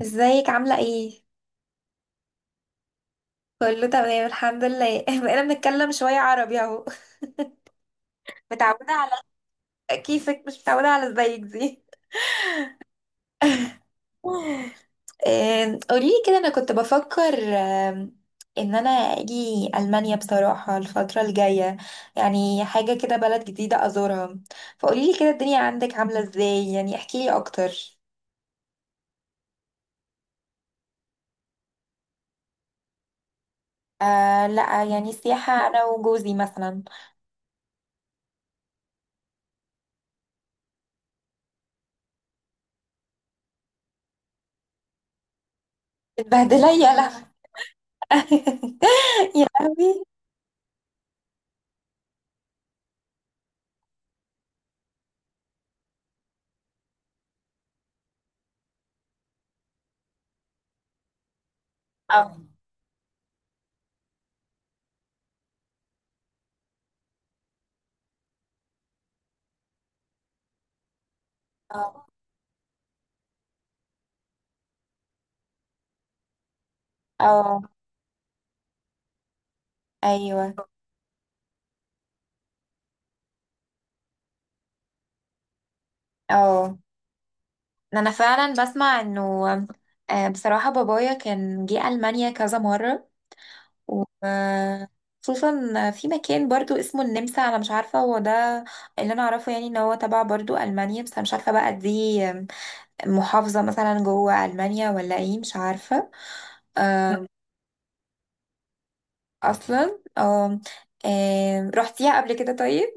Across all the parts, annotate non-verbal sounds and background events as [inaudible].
ازيك عاملة ايه؟ كله تمام الحمد لله [laughs] بقينا بنتكلم شوية عربي اهو. [laughs] متعودة على كيفك، مش متعودة على ازيك دي. [laughs] قوليلي كده، انا كنت بفكر ان انا اجي المانيا بصراحة الفترة الجاية، يعني حاجة كده بلد جديدة ازورها. فقوليلي كده الدنيا عندك عاملة ازاي، يعني احكيلي اكتر. آه لا، يعني السياحة انا وجوزي مثلا. متبهدلة، يا لهوي. [laughs] يا لهوي. اه. اه. اه. ايوه. اه. انا فعلا بسمع انه بصراحة بابايا كان جه ألمانيا كذا مرة، وخصوصا في مكان برضو اسمه النمسا. انا مش عارفة هو ده اللي انا اعرفه، يعني ان هو تبع برضو ألمانيا، بس انا مش عارفة بقى دي محافظة مثلا جوه ألمانيا ولا ايه، مش عارفة. آه، اصلا اه. رحتيها قبل كده طيب؟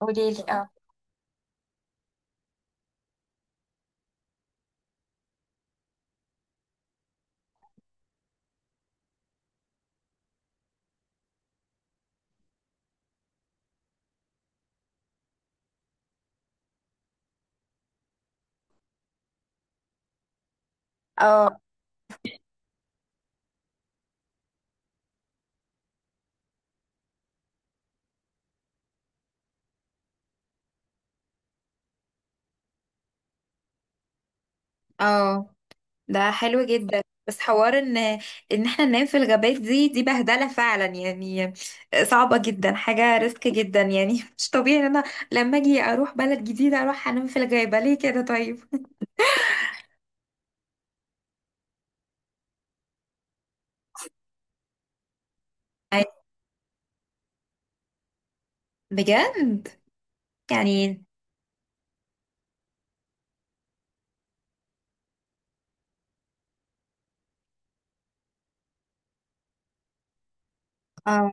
قوليلي. اه. اه. اه. ده حلو جدا. بس حوار ان احنا ننام في الغابات دي، دي بهدله فعلا يعني، صعبه جدا، حاجه ريسك جدا يعني. [laughs] مش طبيعي ان انا لما اجي اروح بلد جديده اروح انام في الغابه، ليه كده طيب؟ أي- بجد؟ يعني اه.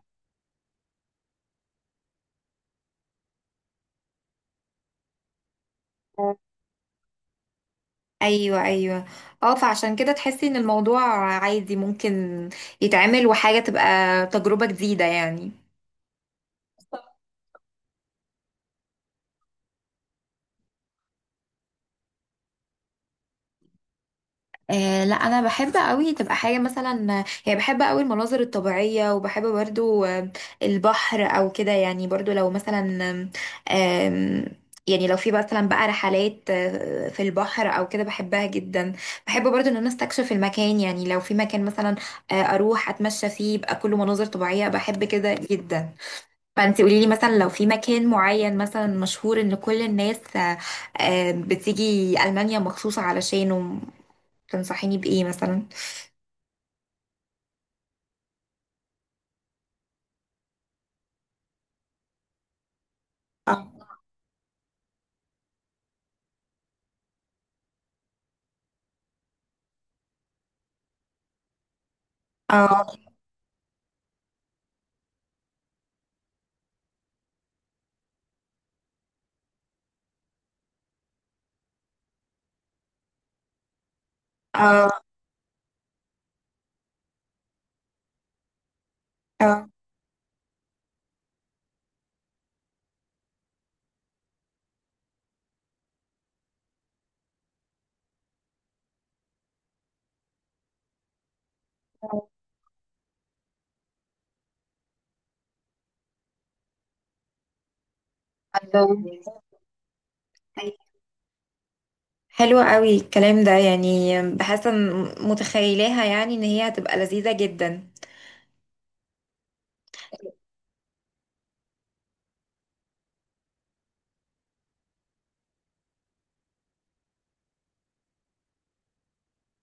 ايوه ايوه. اه، فعشان كده تحسي ان الموضوع عادي، ممكن يتعمل، وحاجه تبقى تجربه جديده يعني. آه لا، انا بحب قوي تبقى حاجه مثلا، يعني بحب قوي المناظر الطبيعيه، وبحب برضو البحر او كده يعني. برضو لو مثلا، آم، آم، يعني لو في مثلا بقى رحلات في البحر او كده، بحبها جدا. بحب برضو ان انا استكشف المكان، يعني لو في مكان مثلا اروح اتمشى فيه يبقى كله مناظر طبيعيه، بحب كده جدا. فانت قولي لي مثلا لو في مكان معين مثلا مشهور ان كل الناس بتيجي المانيا مخصوص علشانه، تنصحيني بإيه مثلا؟ آه. اه. اه. اه. الله. حلو قوي الكلام ده، يعني بحس ان متخيلاها، يعني ان هي هتبقى لذيذة جدا.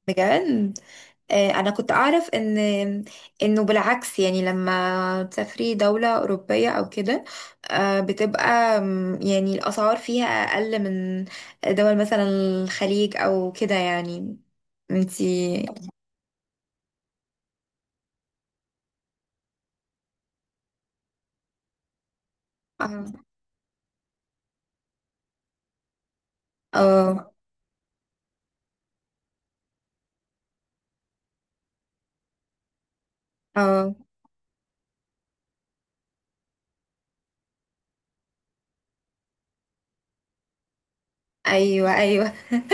بجد؟ انا كنت اعرف ان بالعكس، يعني لما تسافري دولة اوروبية او كده بتبقى يعني الاسعار فيها اقل من دول مثلا الخليج او كده يعني. انتي اه. اه. ايوه ايوه.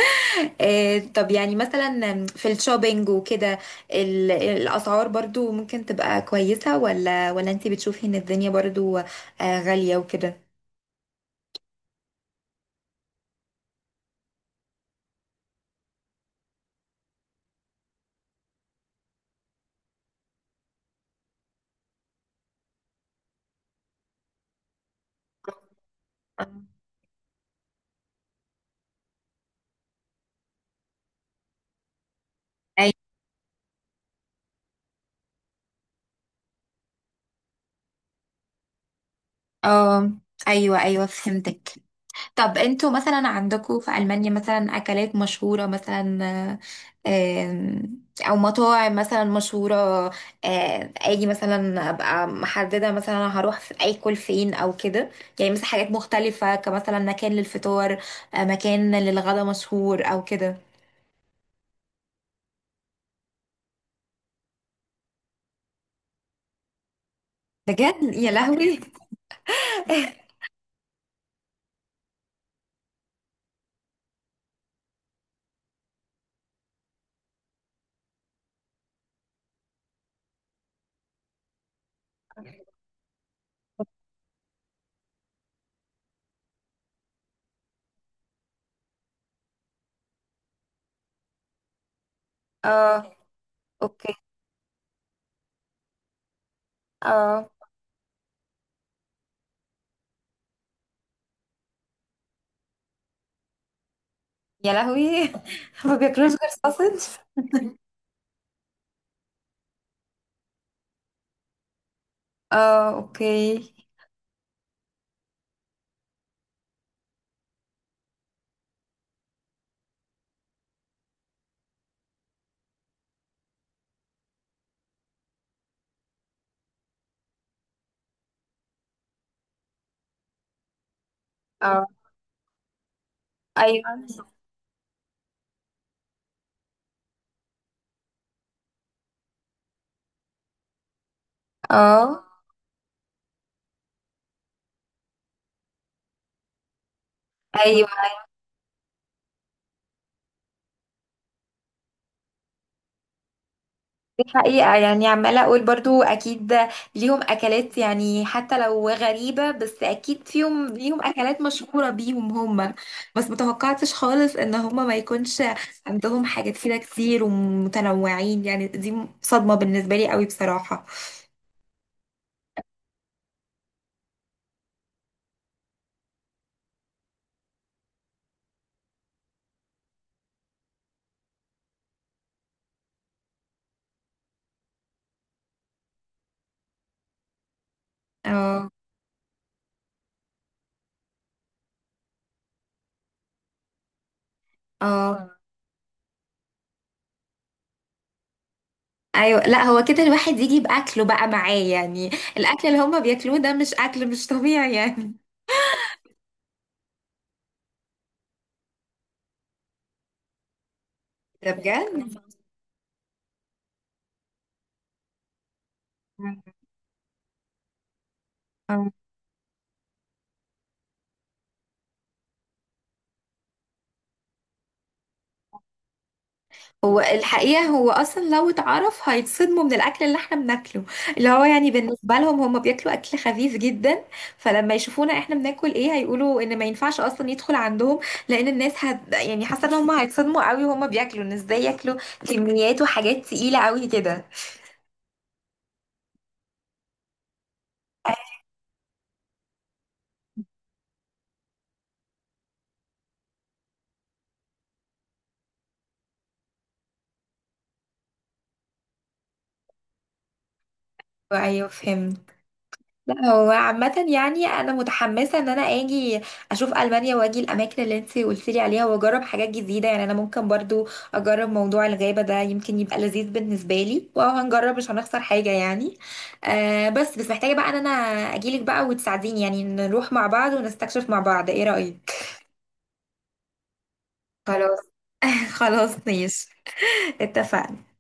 [laughs] إيه طب يعني مثلا في الشوبينج وكده الاسعار برضو ممكن تبقى كويسة، ولا انت بتشوفي ان الدنيا برضو غالية وكده؟ أي- اه. ايوه ايوه، فهمتك. طب انتوا مثلا عندكم في ألمانيا مثلا أكلات مشهورة مثلا، آه، آم، أو مطاعم مثلا مشهورة، أجي مثلا أبقى محددة مثلا هروح في أكل فين أو كده، يعني مثلا حاجات مختلفة كمثلا مكان للفطار، مكان للغدا مشهور أو كده. بجد؟ يا لهوي. [laughs] اه اوكي. اه. يا لهوي. [laughs] ما بياكلوش غير ساسج؟ اه اوكي. اه. ايوه. اه. ايوه، دي حقيقة يعني. عمالة أقول برضو أكيد ليهم أكلات، يعني حتى لو غريبة بس أكيد فيهم، ليهم أكلات مشهورة بيهم هما. بس متوقعتش خالص إن هما ما يكونش عندهم حاجات كده كتير ومتنوعين، يعني دي صدمة بالنسبة لي قوي بصراحة. اه. اه. ايوه لا، هو كده الواحد يجي باكله بقى معاه، يعني الاكل اللي هما بياكلوه ده مش اكل، مش طبيعي يعني. ده بجد؟ [laughs] آه. هو الحقيقة هو أصلا لو اتعرف هيتصدموا من الأكل اللي احنا بناكله، اللي هو يعني بالنسبة لهم هم بياكلوا أكل خفيف جدا، فلما يشوفونا احنا بناكل ايه هيقولوا إن ما ينفعش أصلا يدخل عندهم، لأن الناس هت، يعني حاسة إن هم هيتصدموا قوي وهم بياكلوا، إن ازاي ياكلوا كميات وحاجات تقيلة قوي كده. أيوه أيوه، فهمت. لا هو عامة يعني أنا متحمسة إن أنا أجي أشوف ألمانيا وأجي الأماكن اللي أنت قلتيلي عليها وأجرب حاجات جديدة، يعني أنا ممكن برضو أجرب موضوع الغابة ده، يمكن يبقى لذيذ بالنسبة لي وهنجرب، مش هنخسر حاجة يعني. آه بس محتاجة بقى إن أنا أجيلك بقى وتساعديني، يعني نروح مع بعض ونستكشف مع بعض، إيه رأيك؟ خلاص. [laughs] خلاص ماشي، اتفقنا.